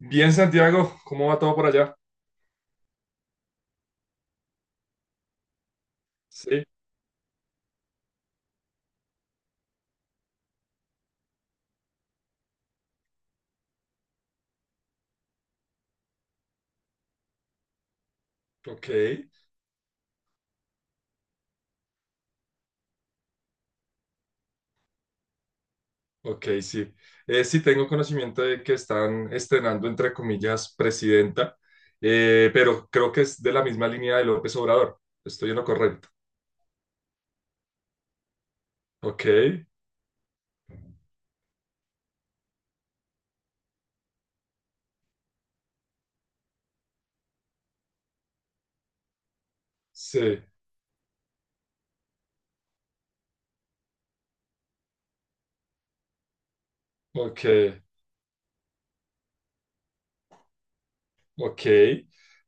Bien, Santiago, ¿cómo va todo por allá? Sí, ok, ok, sí. Sí, tengo conocimiento de que están estrenando, entre comillas, presidenta, pero creo que es de la misma línea de López Obrador. Estoy en lo correcto. Ok, sí, ok, ok.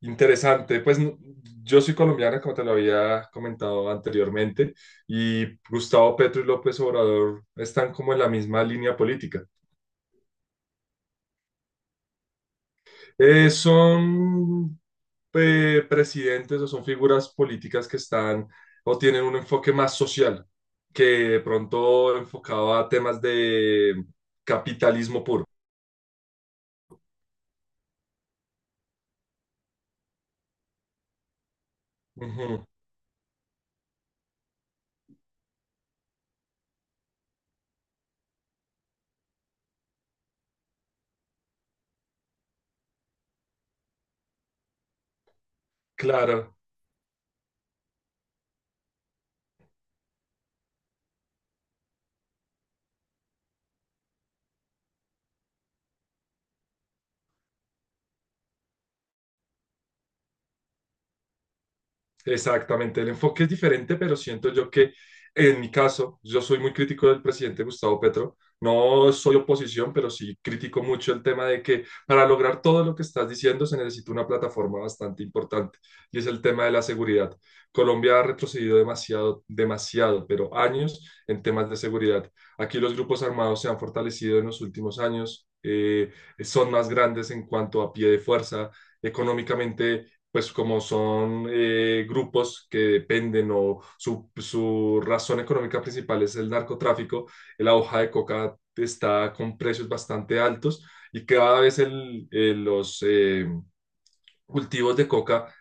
Interesante. Yo soy colombiana, como te lo había comentado anteriormente, y Gustavo Petro y López Obrador están como en la misma línea política. Son Presidentes o son figuras políticas que están o tienen un enfoque más social, que de pronto enfocado a temas de capitalismo puro. Ujú. Claro. Exactamente, el enfoque es diferente, pero siento yo que en mi caso, yo soy muy crítico del presidente Gustavo Petro. No soy oposición, pero sí critico mucho el tema de que para lograr todo lo que estás diciendo se necesita una plataforma bastante importante y es el tema de la seguridad. Colombia ha retrocedido demasiado, demasiado, pero años en temas de seguridad. Aquí los grupos armados se han fortalecido en los últimos años, son más grandes en cuanto a pie de fuerza, económicamente pues como son grupos que dependen o su razón económica principal es el narcotráfico, la hoja de coca está con precios bastante altos y cada vez cultivos de coca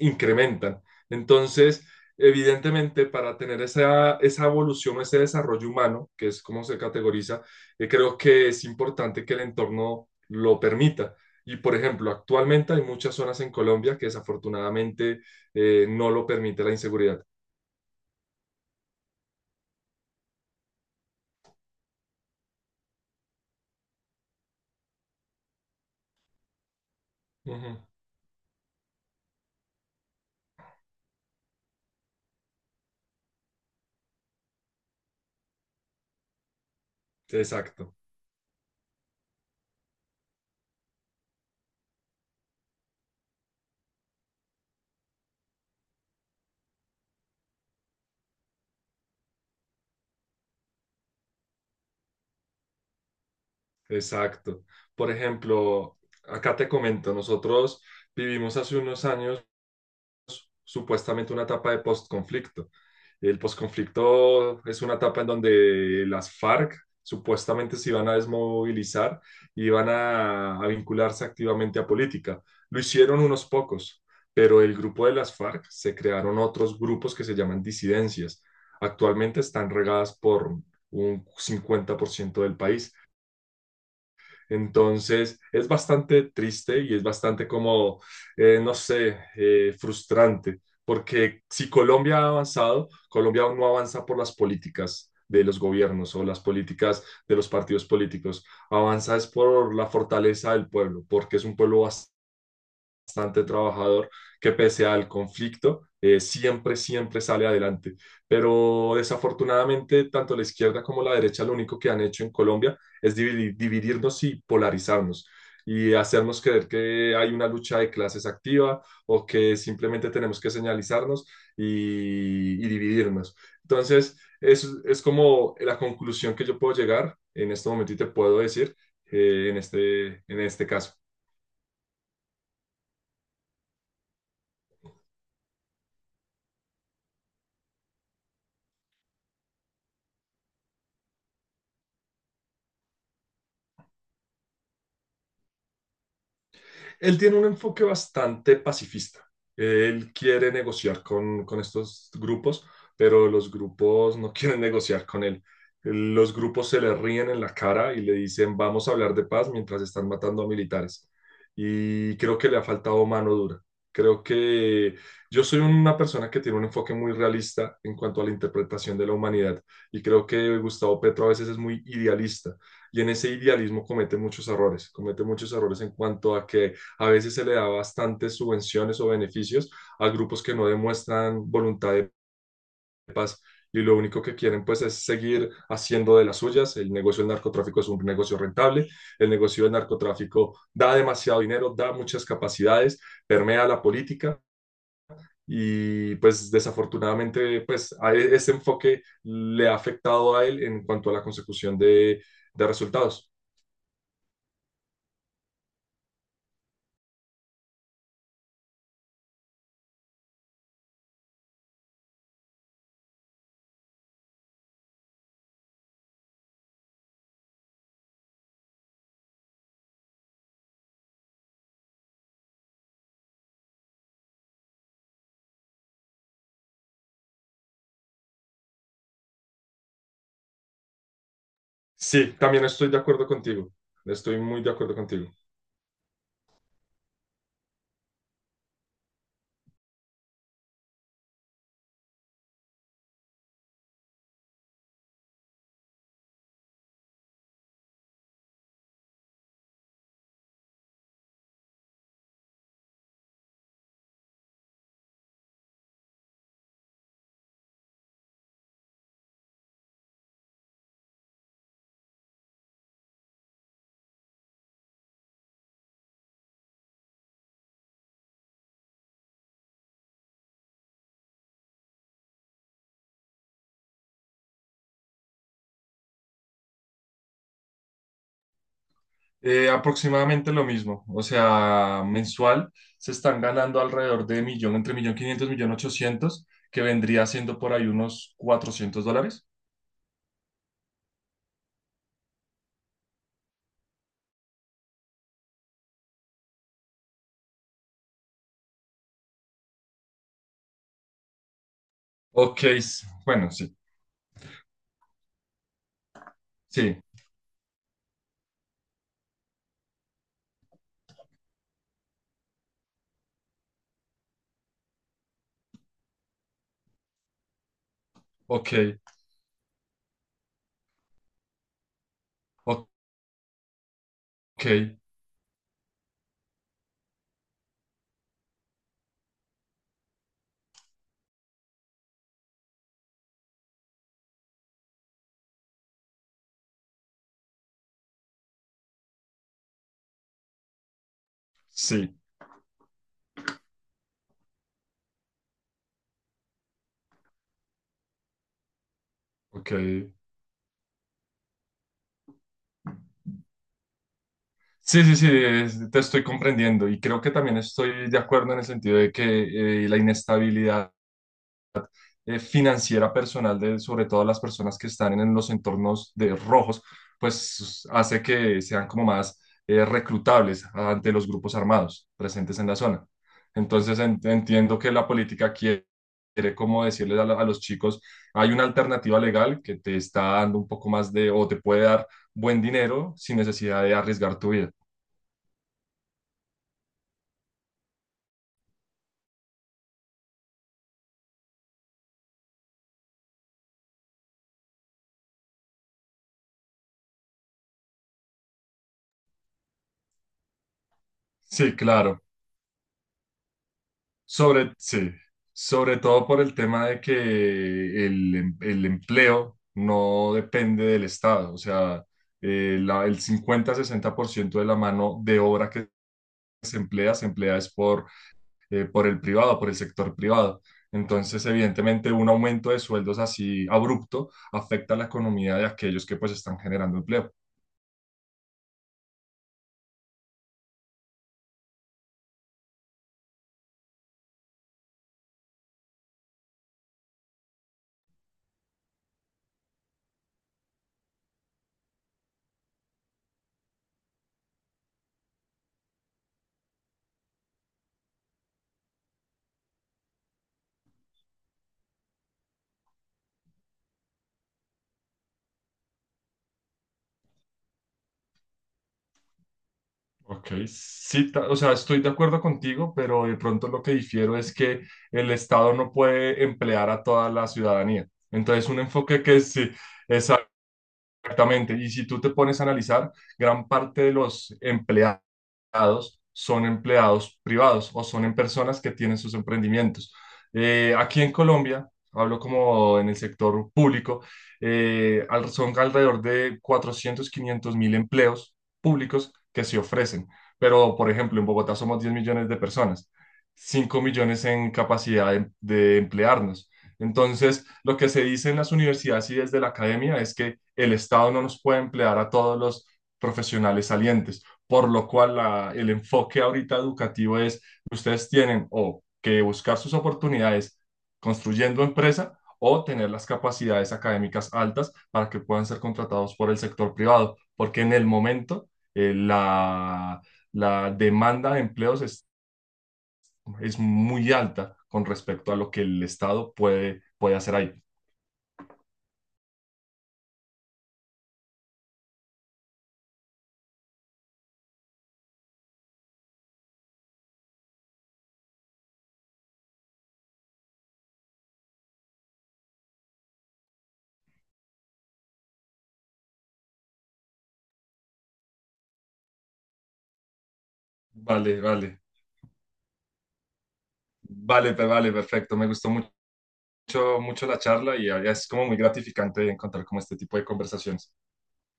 incrementan. Entonces, evidentemente, para tener esa evolución, ese desarrollo humano, que es como se categoriza, creo que es importante que el entorno lo permita. Y, por ejemplo, actualmente hay muchas zonas en Colombia que desafortunadamente no lo permite la inseguridad. Ujú. Exacto, exacto. Por ejemplo, acá te comento, nosotros vivimos hace unos años supuestamente una etapa de postconflicto. El postconflicto es una etapa en donde las FARC supuestamente se iban a desmovilizar y a vincularse activamente a política. Lo hicieron unos pocos, pero el grupo de las FARC se crearon otros grupos que se llaman disidencias. Actualmente están regadas por un 50% del país. Entonces, es bastante triste y es bastante como, no sé, frustrante, porque si Colombia ha avanzado, Colombia aún no avanza por las políticas de los gobiernos o las políticas de los partidos políticos. Avanza es por la fortaleza del pueblo, porque es un pueblo bastante bastante trabajador que pese al conflicto, siempre, siempre sale adelante. Pero desafortunadamente, tanto la izquierda como la derecha lo único que han hecho en Colombia es dividirnos y polarizarnos y hacernos creer que hay una lucha de clases activa o que simplemente tenemos que señalizarnos y dividirnos. Entonces, es como la conclusión que yo puedo llegar en este momento y te puedo decir en este caso. Él tiene un enfoque bastante pacifista. Él quiere negociar con estos grupos, pero los grupos no quieren negociar con él. Los grupos se le ríen en la cara y le dicen, vamos a hablar de paz mientras están matando a militares. Y creo que le ha faltado mano dura. Creo que yo soy una persona que tiene un enfoque muy realista en cuanto a la interpretación de la humanidad y creo que Gustavo Petro a veces es muy idealista y en ese idealismo comete muchos errores en cuanto a que a veces se le da bastantes subvenciones o beneficios a grupos que no demuestran voluntad de paz y lo único que quieren pues es seguir haciendo de las suyas. El negocio del narcotráfico es un negocio rentable, el negocio del narcotráfico da demasiado dinero, da muchas capacidades, permea la política y pues desafortunadamente pues ese enfoque le ha afectado a él en cuanto a la consecución de resultados. Sí, también estoy de acuerdo contigo, estoy muy de acuerdo contigo. Aproximadamente lo mismo, o sea, mensual se están ganando alrededor de millón, entre millón quinientos, millón ochocientos, que vendría siendo por ahí unos $400. Ok, bueno, sí, sí, ok, ok, sí, ok. Sí, sí, sí, te estoy comprendiendo y creo que también estoy de acuerdo en el sentido de que la inestabilidad financiera personal de sobre todo las personas que están en los entornos de rojos, pues hace que sean como más reclutables ante los grupos armados presentes en la zona. Entiendo que la política quiere como decirles a los chicos, hay una alternativa legal que te está dando un poco más de o te puede dar buen dinero sin necesidad de arriesgar tu vida. Sí, claro. Sobre, sí, Sobre todo por el tema de que el empleo no depende del Estado, o sea, el 50 60% de la mano de obra que se emplea es por el privado, por el sector privado. Entonces, evidentemente, un aumento de sueldos así abrupto afecta a la economía de aquellos que pues están generando empleo. Ok, sí, o sea, estoy de acuerdo contigo, pero de pronto lo que difiero es que el Estado no puede emplear a toda la ciudadanía. Entonces, un enfoque que sí, exactamente. Y si tú te pones a analizar, gran parte de los empleados son empleados privados o son en personas que tienen sus emprendimientos. Aquí en Colombia, hablo como en el sector público, son alrededor de 400 500 mil empleos públicos que se ofrecen. Pero, por ejemplo, en Bogotá somos 10 millones de personas, 5 millones en capacidad de emplearnos. Entonces, lo que se dice en las universidades y desde la academia es que el Estado no nos puede emplear a todos los profesionales salientes por lo cual el enfoque ahorita educativo es, ustedes tienen o que buscar sus oportunidades construyendo empresa o tener las capacidades académicas altas para que puedan ser contratados por el sector privado, porque en el momento eh, la, la demanda de empleos es muy alta con respecto a lo que el Estado puede hacer ahí. Vale, vale, vale, vale, perfecto. Me gustó mucho, mucho la charla y es como muy gratificante encontrar como este tipo de conversaciones.